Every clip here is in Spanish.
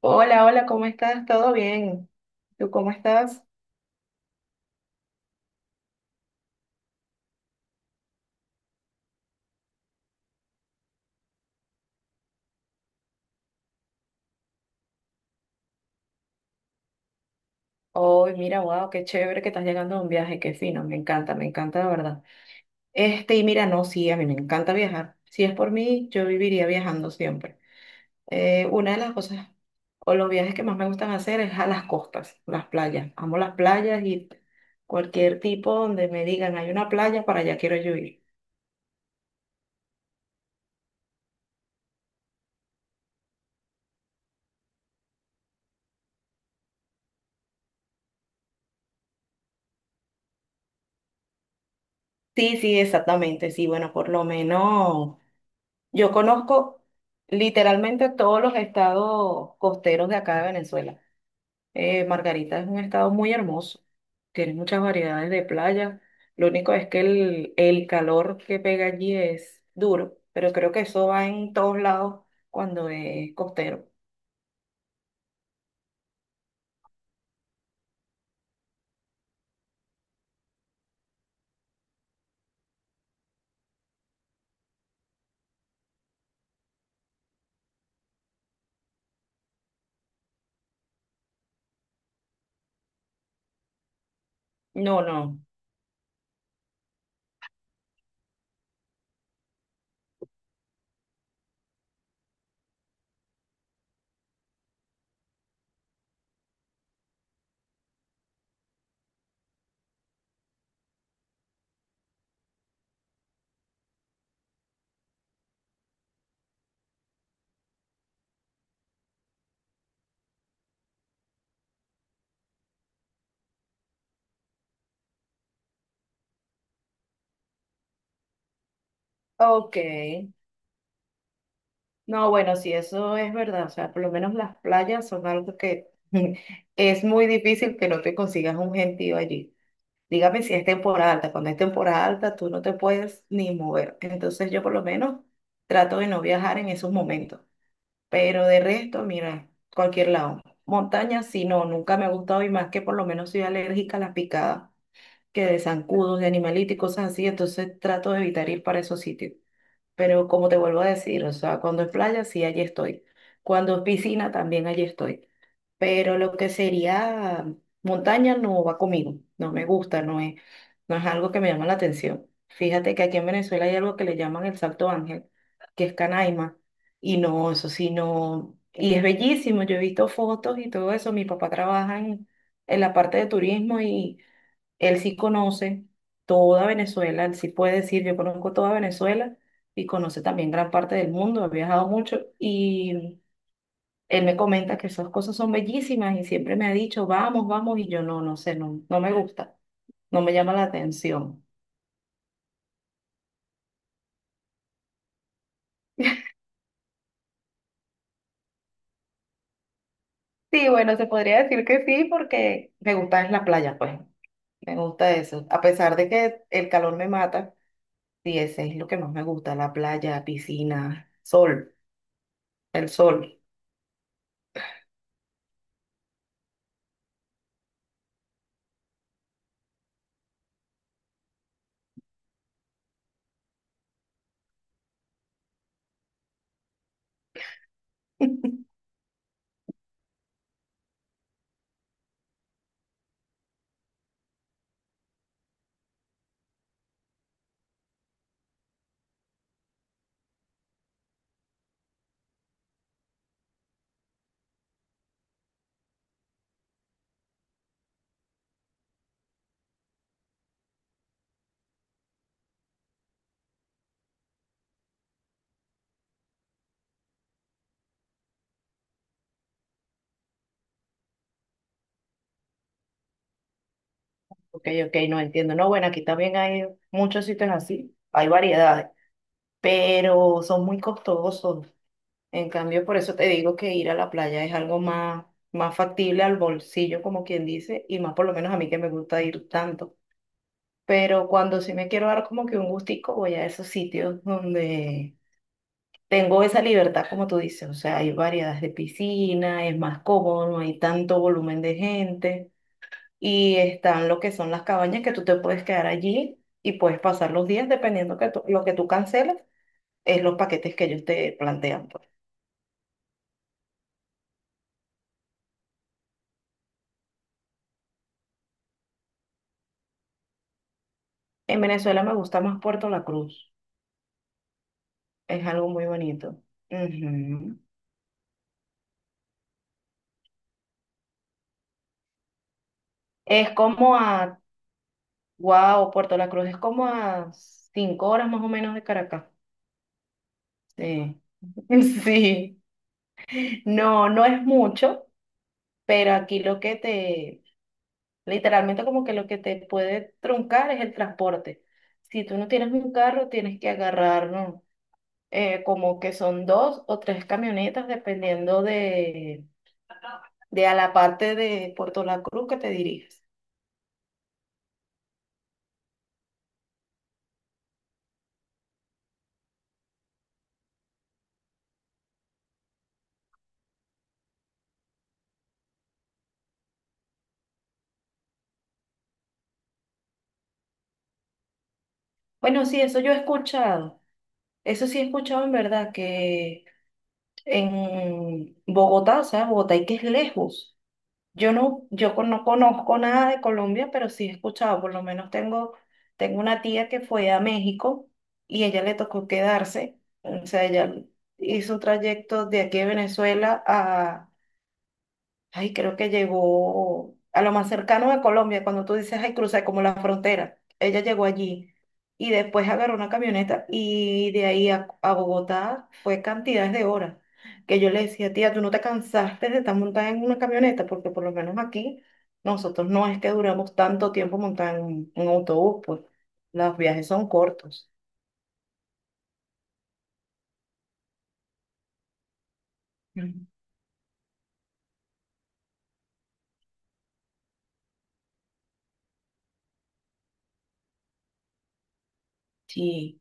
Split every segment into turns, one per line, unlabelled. Hola, hola, ¿cómo estás? ¿Todo bien? ¿Tú cómo estás? Oh, mira, wow, qué chévere que estás llegando a un viaje, qué fino, me encanta de verdad. Este, y mira, no, sí, a mí me encanta viajar. Si es por mí, yo viviría viajando siempre. Una de las cosas o los viajes que más me gustan hacer es a las costas, las playas. Amo las playas y cualquier tipo donde me digan hay una playa, para allá quiero yo ir. Sí, sí, exactamente, sí, bueno, por lo menos. Yo conozco literalmente todos los estados costeros de acá de Venezuela. Margarita es un estado muy hermoso, tiene muchas variedades de playas. Lo único es que el calor que pega allí es duro, pero creo que eso va en todos lados cuando es costero. No, no. Ok. No, bueno, sí, eso es verdad. O sea, por lo menos las playas son algo que es muy difícil que no te consigas un gentío allí. Dígame si es temporada alta. Cuando es temporada alta, tú no te puedes ni mover. Entonces yo por lo menos trato de no viajar en esos momentos. Pero de resto, mira, cualquier lado. Montaña, sí, no, nunca me ha gustado y más que por lo menos soy alérgica a las picadas, que de zancudos, de animalitos y cosas así. Entonces trato de evitar ir para esos sitios. Pero como te vuelvo a decir, o sea, cuando es playa, sí, allí estoy. Cuando es piscina, también allí estoy, pero lo que sería montaña no va conmigo, no me gusta, no es, no es algo que me llama la atención. Fíjate que aquí en Venezuela hay algo que le llaman el Salto Ángel, que es Canaima, y no, eso sí, no, y es bellísimo, yo he visto fotos y todo eso, mi papá trabaja en la parte de turismo y él sí conoce toda Venezuela, él sí puede decir, yo conozco toda Venezuela. Y conoce también gran parte del mundo, ha viajado mucho y él me comenta que esas cosas son bellísimas y siempre me ha dicho, vamos, vamos, y yo no, no sé, no, no me gusta, no me llama la atención. Sí, bueno, se podría decir que sí, porque me gusta es la playa, pues, me gusta eso. A pesar de que el calor me mata, sí, ese es lo que más me gusta, la playa, piscina, sol, el sol. Ok, ok, no entiendo. No, bueno, aquí también hay muchos sitios así, hay variedades, pero son muy costosos. En cambio, por eso te digo que ir a la playa es algo más, más factible al bolsillo, como quien dice, y más por lo menos a mí que me gusta ir tanto. Pero cuando sí me quiero dar como que un gustico, voy a esos sitios donde tengo esa libertad, como tú dices. O sea, hay variedades de piscina, es más cómodo, no hay tanto volumen de gente. Y están lo que son las cabañas que tú te puedes quedar allí y puedes pasar los días dependiendo que lo que tú canceles, es los paquetes que ellos te plantean, pues. En Venezuela me gusta más Puerto La Cruz. Es algo muy bonito. Ujú. Es como a, wow, Puerto La Cruz es como a 5 horas más o menos de Caracas. Sí. Sí. No, no es mucho, pero aquí lo que te, literalmente como que lo que te puede truncar es el transporte. Si tú no tienes un carro, tienes que agarrar, ¿no? Como que son dos o tres camionetas, dependiendo de a la parte de Puerto La Cruz que te diriges. Bueno, sí, eso yo he escuchado. Eso sí he escuchado en verdad que en Bogotá, o sea, Bogotá y que es lejos. Yo no, no conozco nada de Colombia, pero sí he escuchado, por lo menos tengo, tengo una tía que fue a México y ella le tocó quedarse, o sea, ella hizo un trayecto de aquí de Venezuela a... Ay, creo que llegó a lo más cercano de Colombia, cuando tú dices, ay, crucé como la frontera. Ella llegó allí y después agarró una camioneta y de ahí a Bogotá fue cantidades de horas que yo le decía, tía, tú no te cansaste de estar montada en una camioneta, porque por lo menos aquí nosotros no es que duramos tanto tiempo montada en un autobús, pues los viajes son cortos. Mm. Sí,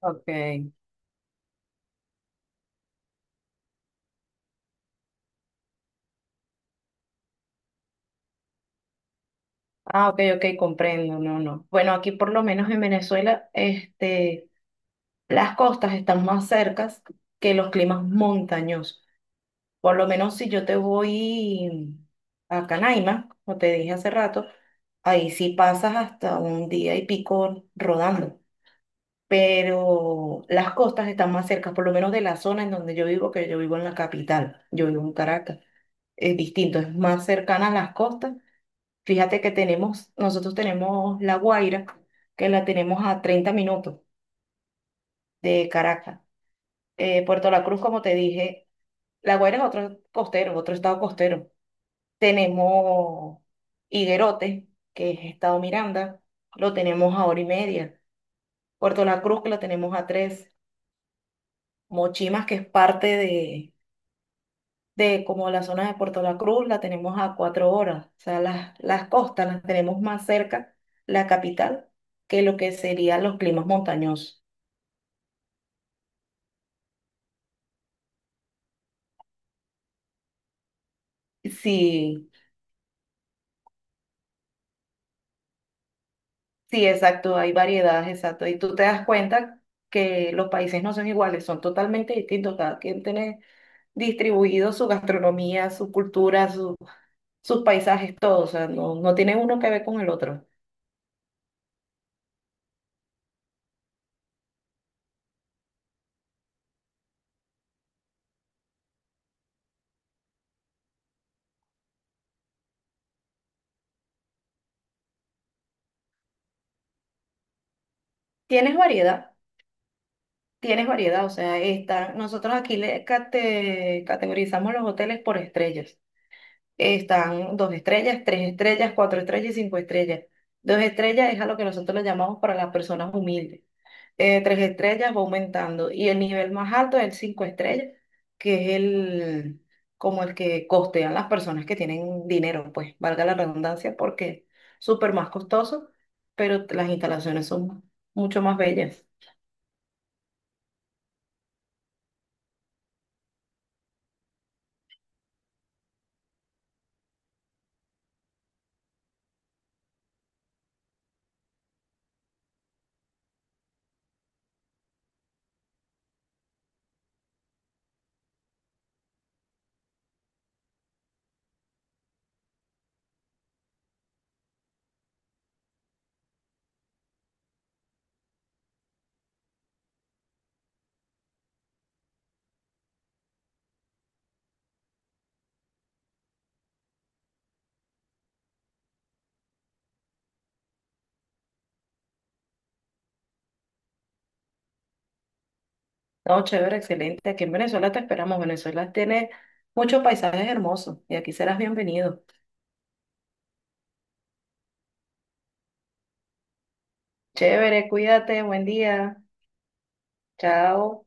ok. Ah, ok, ok, comprendo, no, no. Bueno, aquí por lo menos en Venezuela, este... Las costas están más cercas que los climas montañosos. Por lo menos si yo te voy a Canaima, como te dije hace rato, ahí sí pasas hasta un día y pico rodando. Pero las costas están más cercas, por lo menos de la zona en donde yo vivo, que yo vivo en la capital, yo vivo en Caracas. Es distinto, es más cercana a las costas. Fíjate que tenemos, nosotros tenemos La Guaira, que la tenemos a 30 minutos de Caracas. Puerto La Cruz, como te dije... La Guaira es otro costero, otro estado costero. Tenemos Higuerote, que es estado Miranda, lo tenemos a hora y media. Puerto La Cruz, que lo tenemos a tres. Mochimas, que es parte de como la zona de Puerto La Cruz, la tenemos a 4 horas. O sea, las costas las tenemos más cerca, la capital, que lo que serían los climas montañosos. Sí, sí, exacto, hay variedades, exacto. Y tú te das cuenta que los países no son iguales, son totalmente distintos. Cada quien tiene distribuido su gastronomía, su cultura, su- sus paisajes, todo. O sea, no, no tiene uno que ver con el otro. Tienes variedad, tienes variedad. O sea, está, nosotros aquí le categorizamos los hoteles por estrellas. Están dos estrellas, tres estrellas, cuatro estrellas y cinco estrellas. Dos estrellas es a lo que nosotros le llamamos para las personas humildes. Tres estrellas va aumentando y el nivel más alto es el cinco estrellas, que es el como el que costean las personas que tienen dinero, pues valga la redundancia, porque es súper más costoso, pero las instalaciones son mucho más bellas. No, chévere, excelente. Aquí en Venezuela te esperamos. Venezuela tiene muchos paisajes hermosos y aquí serás bienvenido. Chévere, cuídate, buen día. Chao.